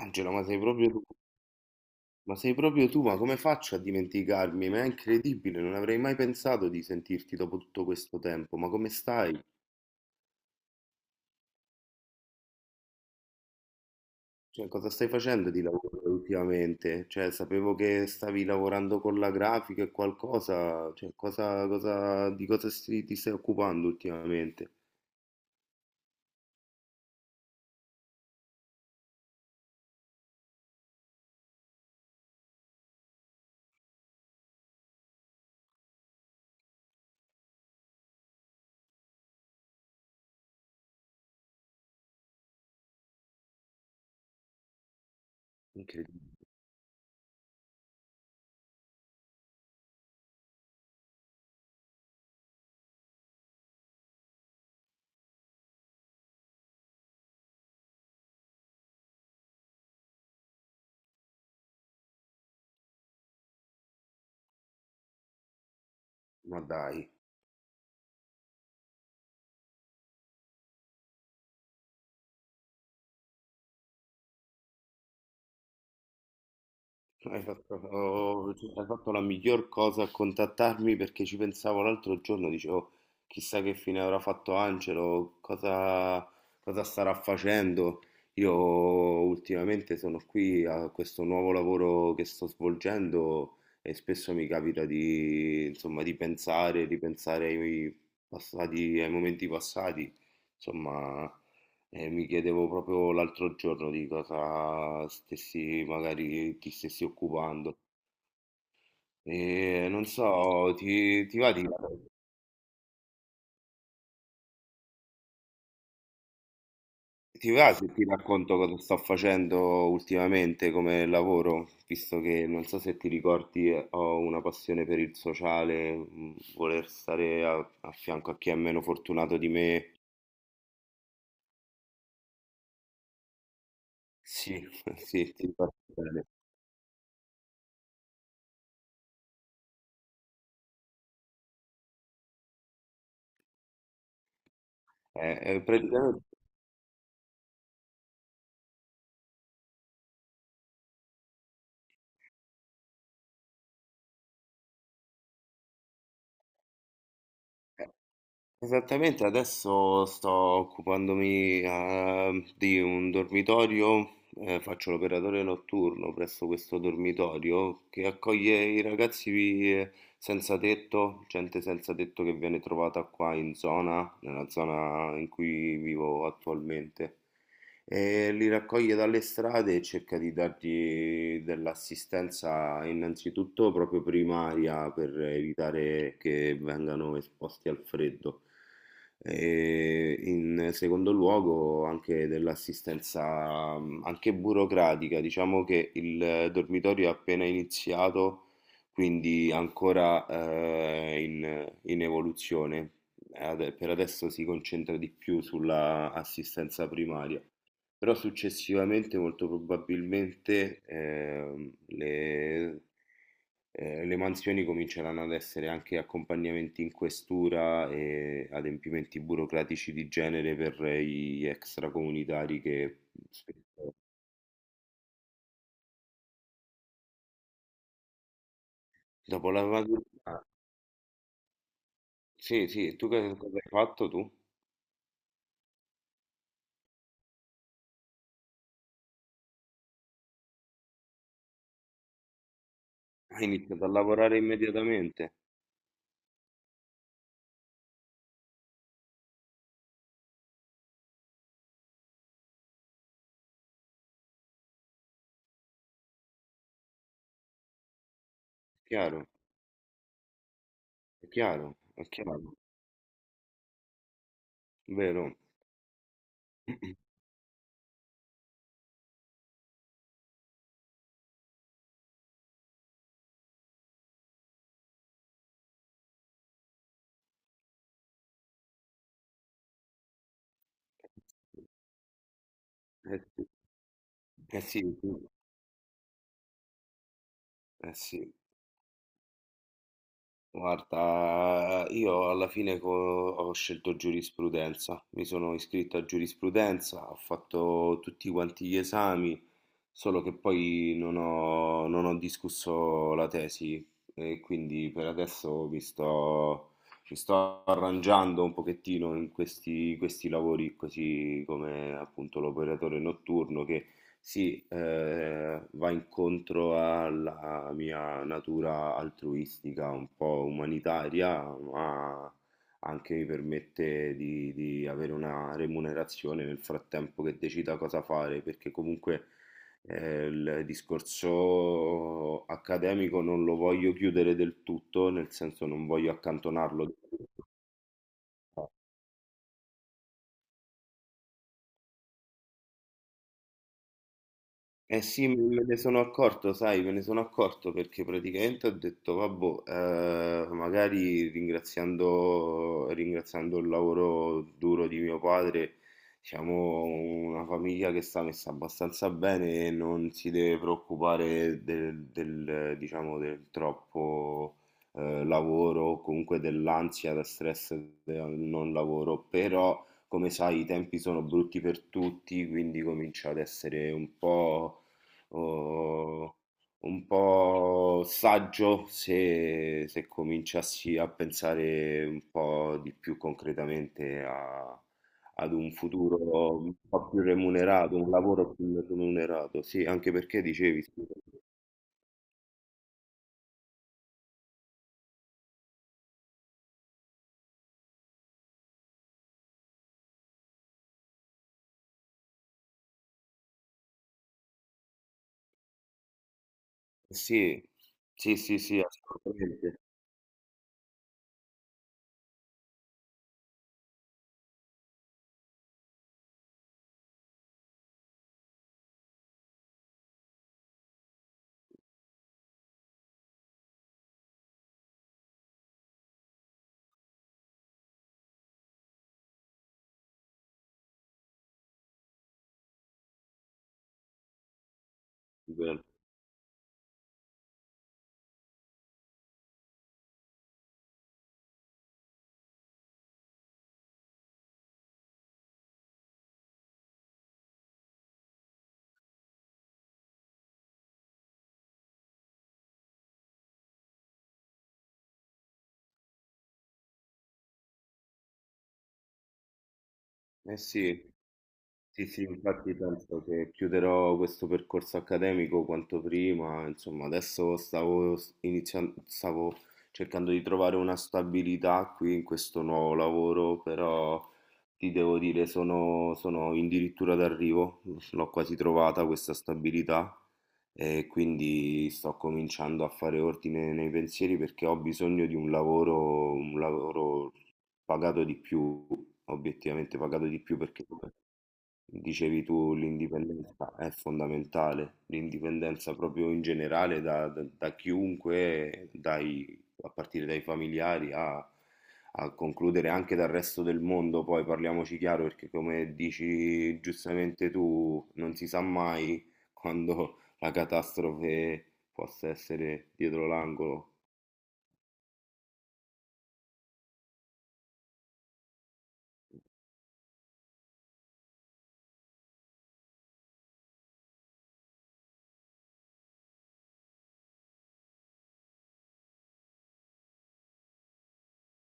Angela, ma sei proprio tu, ma sei proprio tu, ma come faccio a dimenticarmi? Ma è incredibile, non avrei mai pensato di sentirti dopo tutto questo tempo, ma come stai? Cioè, cosa stai facendo di lavoro ultimamente? Cioè, sapevo che stavi lavorando con la grafica e qualcosa, cioè, cosa, di cosa ti stai occupando ultimamente? Incredibile, ma dai. Hai fatto, oh, cioè, hai fatto la miglior cosa a contattarmi perché ci pensavo l'altro giorno, dicevo, chissà che fine avrà fatto Angelo, cosa starà facendo. Io ultimamente sono qui a questo nuovo lavoro che sto svolgendo e spesso mi capita di, insomma, di pensare, ripensare ai passati, ai momenti passati. Insomma, e mi chiedevo proprio l'altro giorno di cosa stessi, magari ti stessi occupando. E non so, ti va ti va se ti racconto cosa sto facendo ultimamente come lavoro, visto che non so se ti ricordi, ho una passione per il sociale, voler stare a fianco a chi è meno fortunato di me. Sì, sì, ti ricordi bene. Praticamente. eh, Esattamente, adesso sto occupandomi, di un dormitorio, faccio l'operatore notturno presso questo dormitorio che accoglie i ragazzi eh, senza tetto, gente senza tetto che viene trovata qua in zona, nella zona in cui vivo attualmente. E li raccoglie dalle strade e cerca di dargli dell'assistenza innanzitutto proprio primaria per evitare che vengano esposti al freddo. E in secondo luogo anche dell'assistenza, anche burocratica, diciamo che il dormitorio è appena iniziato, quindi ancora in evoluzione. Per adesso si concentra di più sulla assistenza primaria, però successivamente molto probabilmente, le mansioni cominceranno ad essere anche accompagnamenti in questura e adempimenti burocratici di genere per gli extracomunitari che spesso- dopo la maturità. Sì, sì, tu che cosa hai fatto tu? Hai iniziato a lavorare immediatamente, chiaro, è chiaro, è chiaro, vero? Eh sì, eh sì, eh sì. Guarda, io alla fine ho scelto giurisprudenza, mi sono iscritto a giurisprudenza, ho fatto tutti quanti gli esami, solo che poi non ho discusso la tesi e quindi per adesso mi sto arrangiando un pochettino in questi lavori così come appunto l'operatore notturno che sì, va incontro alla mia natura altruistica, un po' umanitaria, ma anche mi permette di avere una remunerazione nel frattempo che decida cosa fare, perché comunque, il discorso accademico non lo voglio chiudere del tutto, nel senso non voglio accantonarlo. Eh sì, me ne sono accorto, sai, me ne sono accorto perché praticamente ho detto, vabbè, magari ringraziando il lavoro duro di mio padre, siamo una famiglia che sta messa abbastanza bene e non si deve preoccupare diciamo, del troppo, lavoro o comunque dell'ansia, da stress del non lavoro, però. Come sai, i tempi sono brutti per tutti, quindi comincia ad essere un po' o un po' saggio se cominciassi a pensare un po' di più concretamente ad un futuro un po' più remunerato, un lavoro più remunerato, sì, anche perché dicevi, sì, eh sì, sì, assolutamente, eh sì. Sì, sì, infatti penso che chiuderò questo percorso accademico quanto prima, insomma, adesso stavo iniziando, stavo cercando di trovare una stabilità qui in questo nuovo lavoro, però ti devo dire, sono addirittura d'arrivo, l'ho quasi trovata questa stabilità e quindi sto cominciando a fare ordine nei pensieri perché ho bisogno di un lavoro pagato di più, obiettivamente pagato di più perché come dicevi tu l'indipendenza è fondamentale, l'indipendenza proprio in generale da chiunque, a partire dai familiari a concludere anche dal resto del mondo, poi parliamoci chiaro perché come dici giustamente tu, non si sa mai quando la catastrofe possa essere dietro l'angolo.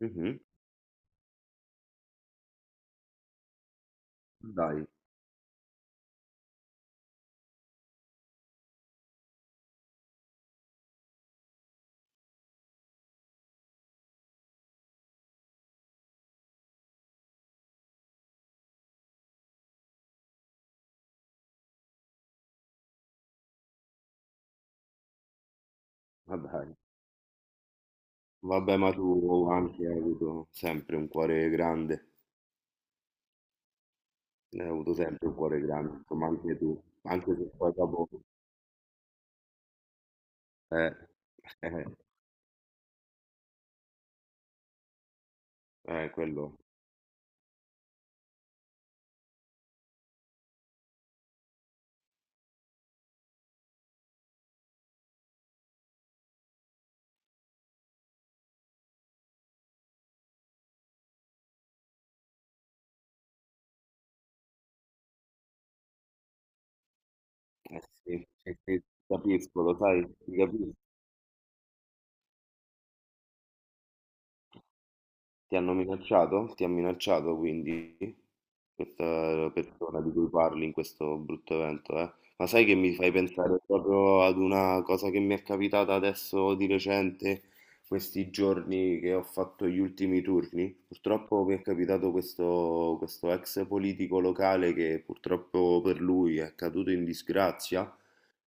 Mhm. Dai, ma dai. Vabbè, ma tu anche hai avuto sempre un cuore grande, hai avuto sempre un cuore grande, insomma anche tu, anche se poi dopo. Eh, quello, sì, eh sì, capisco, lo sai, ti capisco. Ti hanno minacciato? Ti ha minacciato quindi questa persona di cui parli in questo brutto evento, eh? Ma sai che mi fai pensare proprio ad una cosa che mi è capitata adesso di recente, questi giorni che ho fatto gli ultimi turni? Purtroppo mi è capitato questo ex politico locale che purtroppo per lui è caduto in disgrazia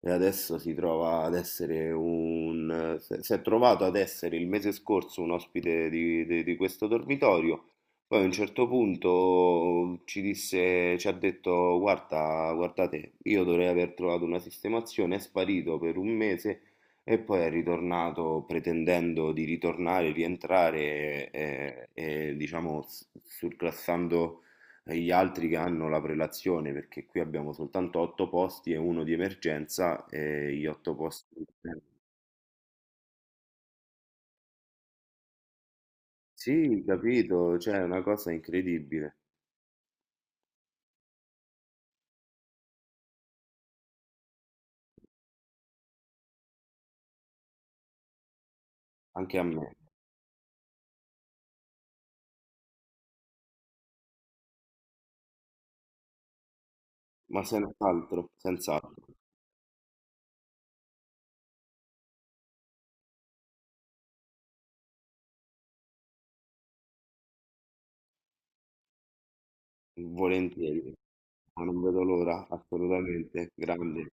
e adesso si trova ad essere un... Si è trovato ad essere il mese scorso un ospite di questo dormitorio, poi a un certo punto ci ha detto, guarda, guardate, io dovrei aver trovato una sistemazione, è sparito per un mese e poi è ritornato pretendendo di ritornare, rientrare e, diciamo surclassando e gli altri che hanno la prelazione, perché qui abbiamo soltanto 8 posti e uno di emergenza e gli 8 posti. Sì, capito, cioè è una cosa incredibile, anche a me, ma senz'altro, senz'altro, volentieri, ma non vedo l'ora, assolutamente, grande,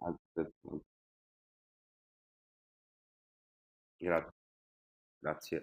altrettanto. Gra- grazie.